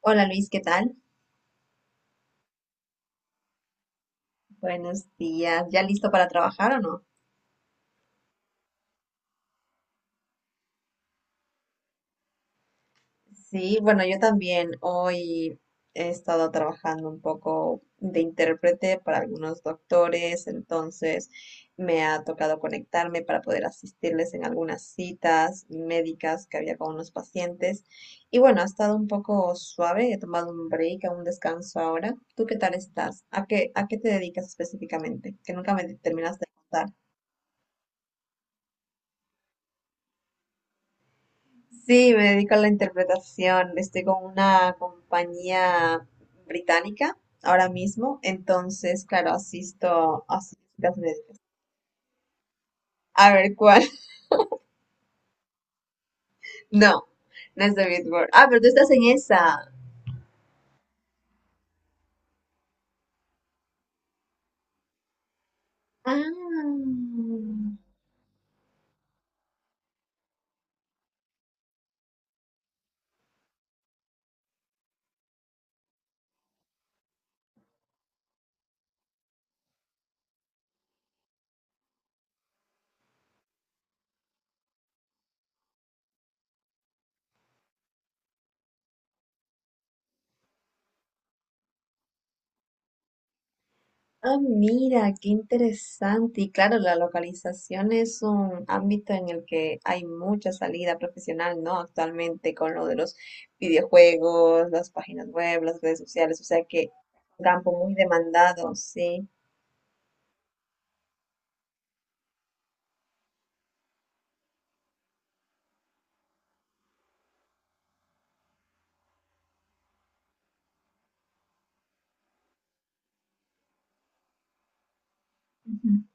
Hola Luis, ¿qué tal? Buenos días. ¿Ya listo para trabajar o no? Sí, bueno, yo también hoy he estado trabajando un poco de intérprete para algunos doctores, entonces me ha tocado conectarme para poder asistirles en algunas citas médicas que había con unos pacientes. Y bueno, ha estado un poco suave, he tomado un break, un descanso ahora. ¿Tú qué tal estás? ¿A qué te dedicas específicamente? Que nunca me terminaste de contar. Sí, me dedico a la interpretación. Estoy con una compañía británica ahora mismo, entonces, claro, asisto a citas médicas. A ver cuál. No, no es de Billboard. Ah, pero tú estás en esa. Ah. Ah, mira, qué interesante. Y claro, la localización es un ámbito en el que hay mucha salida profesional, ¿no? Actualmente con lo de los videojuegos, las páginas web, las redes sociales, o sea que un campo muy demandado, sí. Ujú.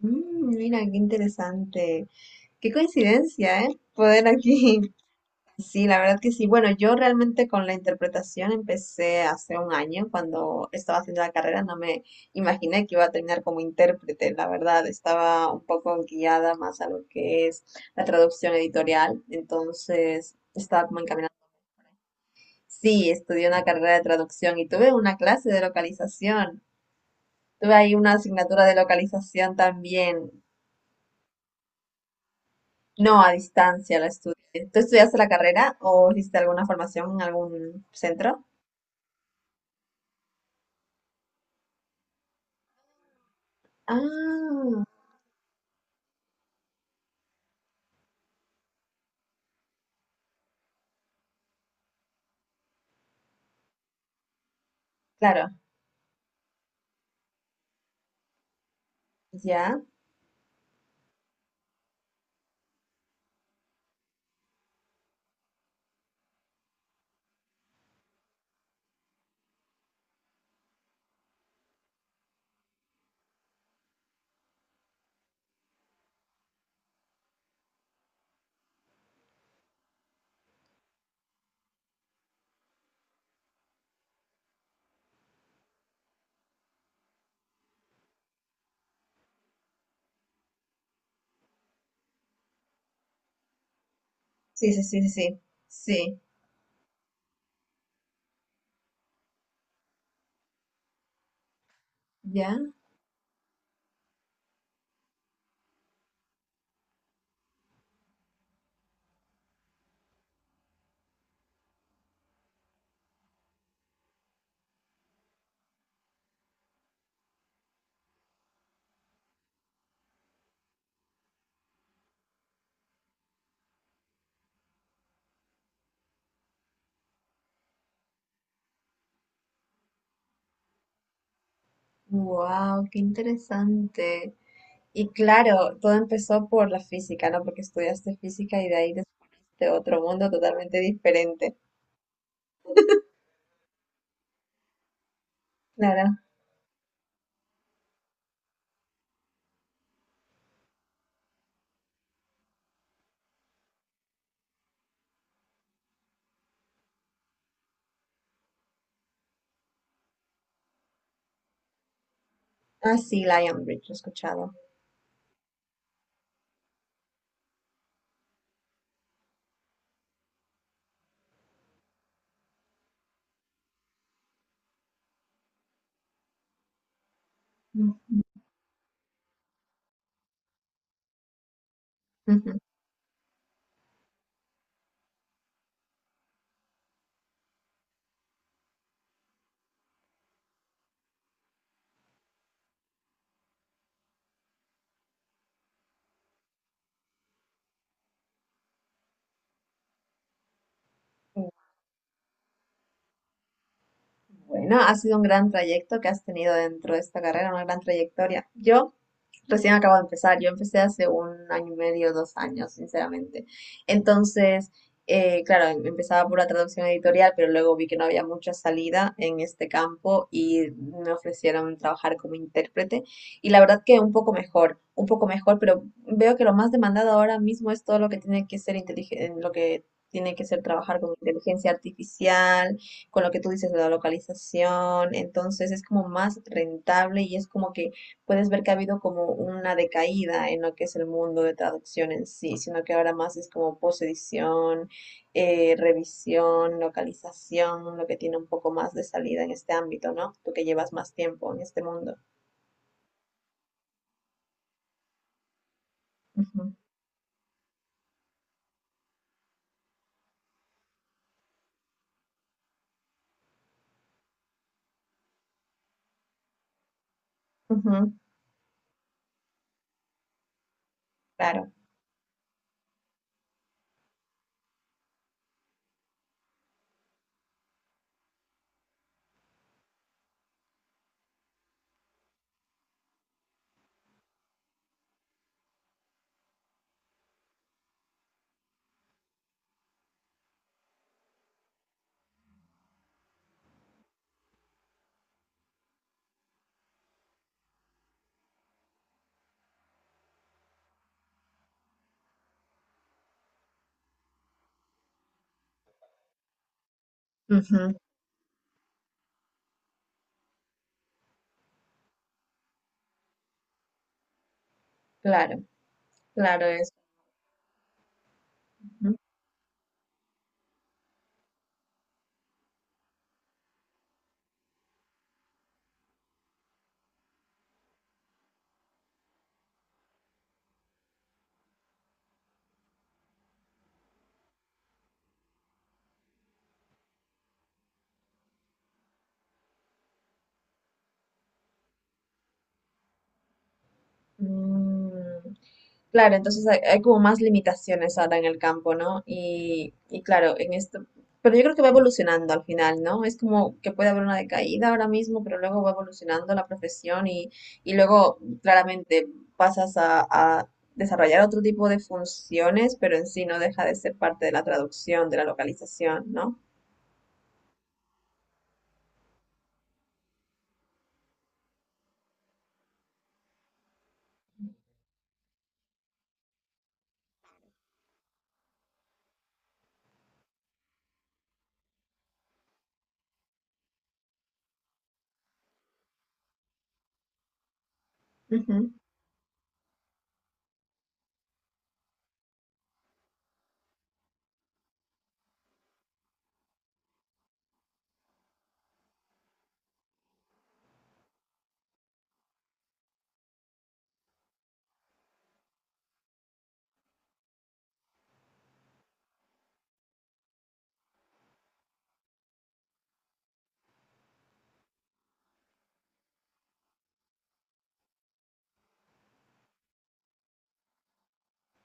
Mm, mira, qué interesante. Qué coincidencia, ¿eh? Poder aquí. Sí, la verdad que sí. Bueno, yo realmente con la interpretación empecé hace un año cuando estaba haciendo la carrera. No me imaginé que iba a terminar como intérprete. La verdad, estaba un poco guiada más a lo que es la traducción editorial. Entonces, estaba como encaminada. Sí, estudié una carrera de traducción y tuve una clase de localización. Tuve ahí una asignatura de localización también. No, a distancia la estudié. ¿Tú estudiaste la carrera o hiciste alguna formación en algún centro? Ah, claro, ya. Sí, sí, sí, sí, sí. Sí, ya. Wow, qué interesante. Y claro, todo empezó por la física, ¿no? Porque estudiaste física y de ahí descubriste otro mundo totalmente diferente. Claro. Ah, sí, Lion Bridge, lo he escuchado. Ujú, ujú. Bueno, ha sido un gran trayecto que has tenido dentro de esta carrera, una gran trayectoria. Yo recién acabo de empezar. Yo empecé hace un año y medio, dos años, sinceramente. Entonces, claro, empezaba por la traducción editorial, pero luego vi que no había mucha salida en este campo y me ofrecieron trabajar como intérprete. Y la verdad que un poco mejor, pero veo que lo más demandado ahora mismo es todo lo que tiene que ser inteligente, lo que tiene que ser trabajar con inteligencia artificial, con lo que tú dices de la localización. Entonces, es como más rentable y es como que puedes ver que ha habido como una decaída en lo que es el mundo de traducción en sí, sino que ahora más es como posedición, revisión, localización, lo que tiene un poco más de salida en este ámbito, ¿no? Tú que llevas más tiempo en este mundo. Ujú, ujú, claro, ujú, claro, claro, eso. Ujú. Mm, claro, entonces hay como más limitaciones ahora en el campo, ¿no? Y claro, en esto, pero yo creo que va evolucionando al final, ¿no? Es como que puede haber una decaída ahora mismo, pero luego va evolucionando la profesión y luego claramente pasas a desarrollar otro tipo de funciones, pero en sí no deja de ser parte de la traducción, de la localización, ¿no? Ujú,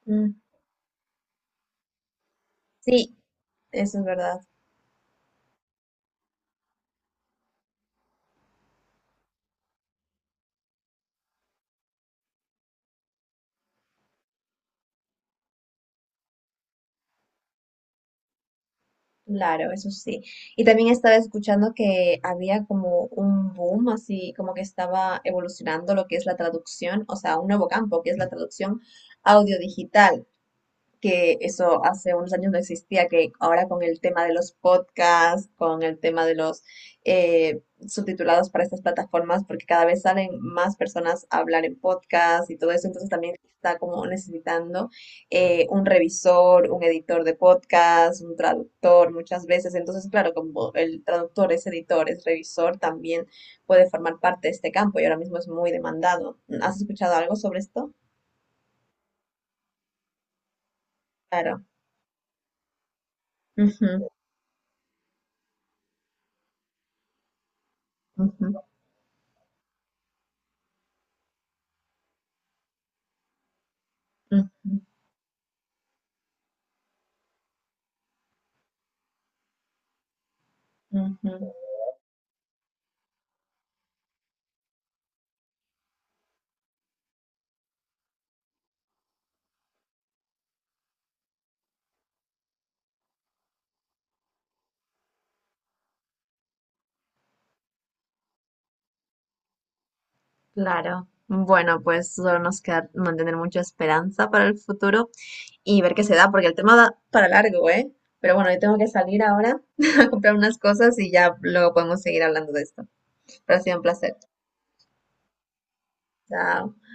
mm, sí, eso es verdad. Claro, eso sí. Y también estaba escuchando que había como un boom, así como que estaba evolucionando lo que es la traducción, o sea, un nuevo campo que es la traducción audiodigital, que eso hace unos años no existía, que ahora con el tema de los podcasts, con el tema de los eh, subtitulados para estas plataformas, porque cada vez salen más personas a hablar en podcast y todo eso, entonces también está como necesitando un revisor, un editor de podcast, un traductor muchas veces, entonces claro, como el traductor es editor, es revisor, también puede formar parte de este campo y ahora mismo es muy demandado. ¿Has escuchado algo sobre esto? Claro. Ujú, ujú, ujú. Ujú, claro. Bueno, pues solo nos queda mantener mucha esperanza para el futuro y ver qué se da, porque el tema da para largo, ¿eh? Pero bueno, yo tengo que salir ahora a comprar unas cosas y ya luego podemos seguir hablando de esto. Pero ha sido un placer. Chao.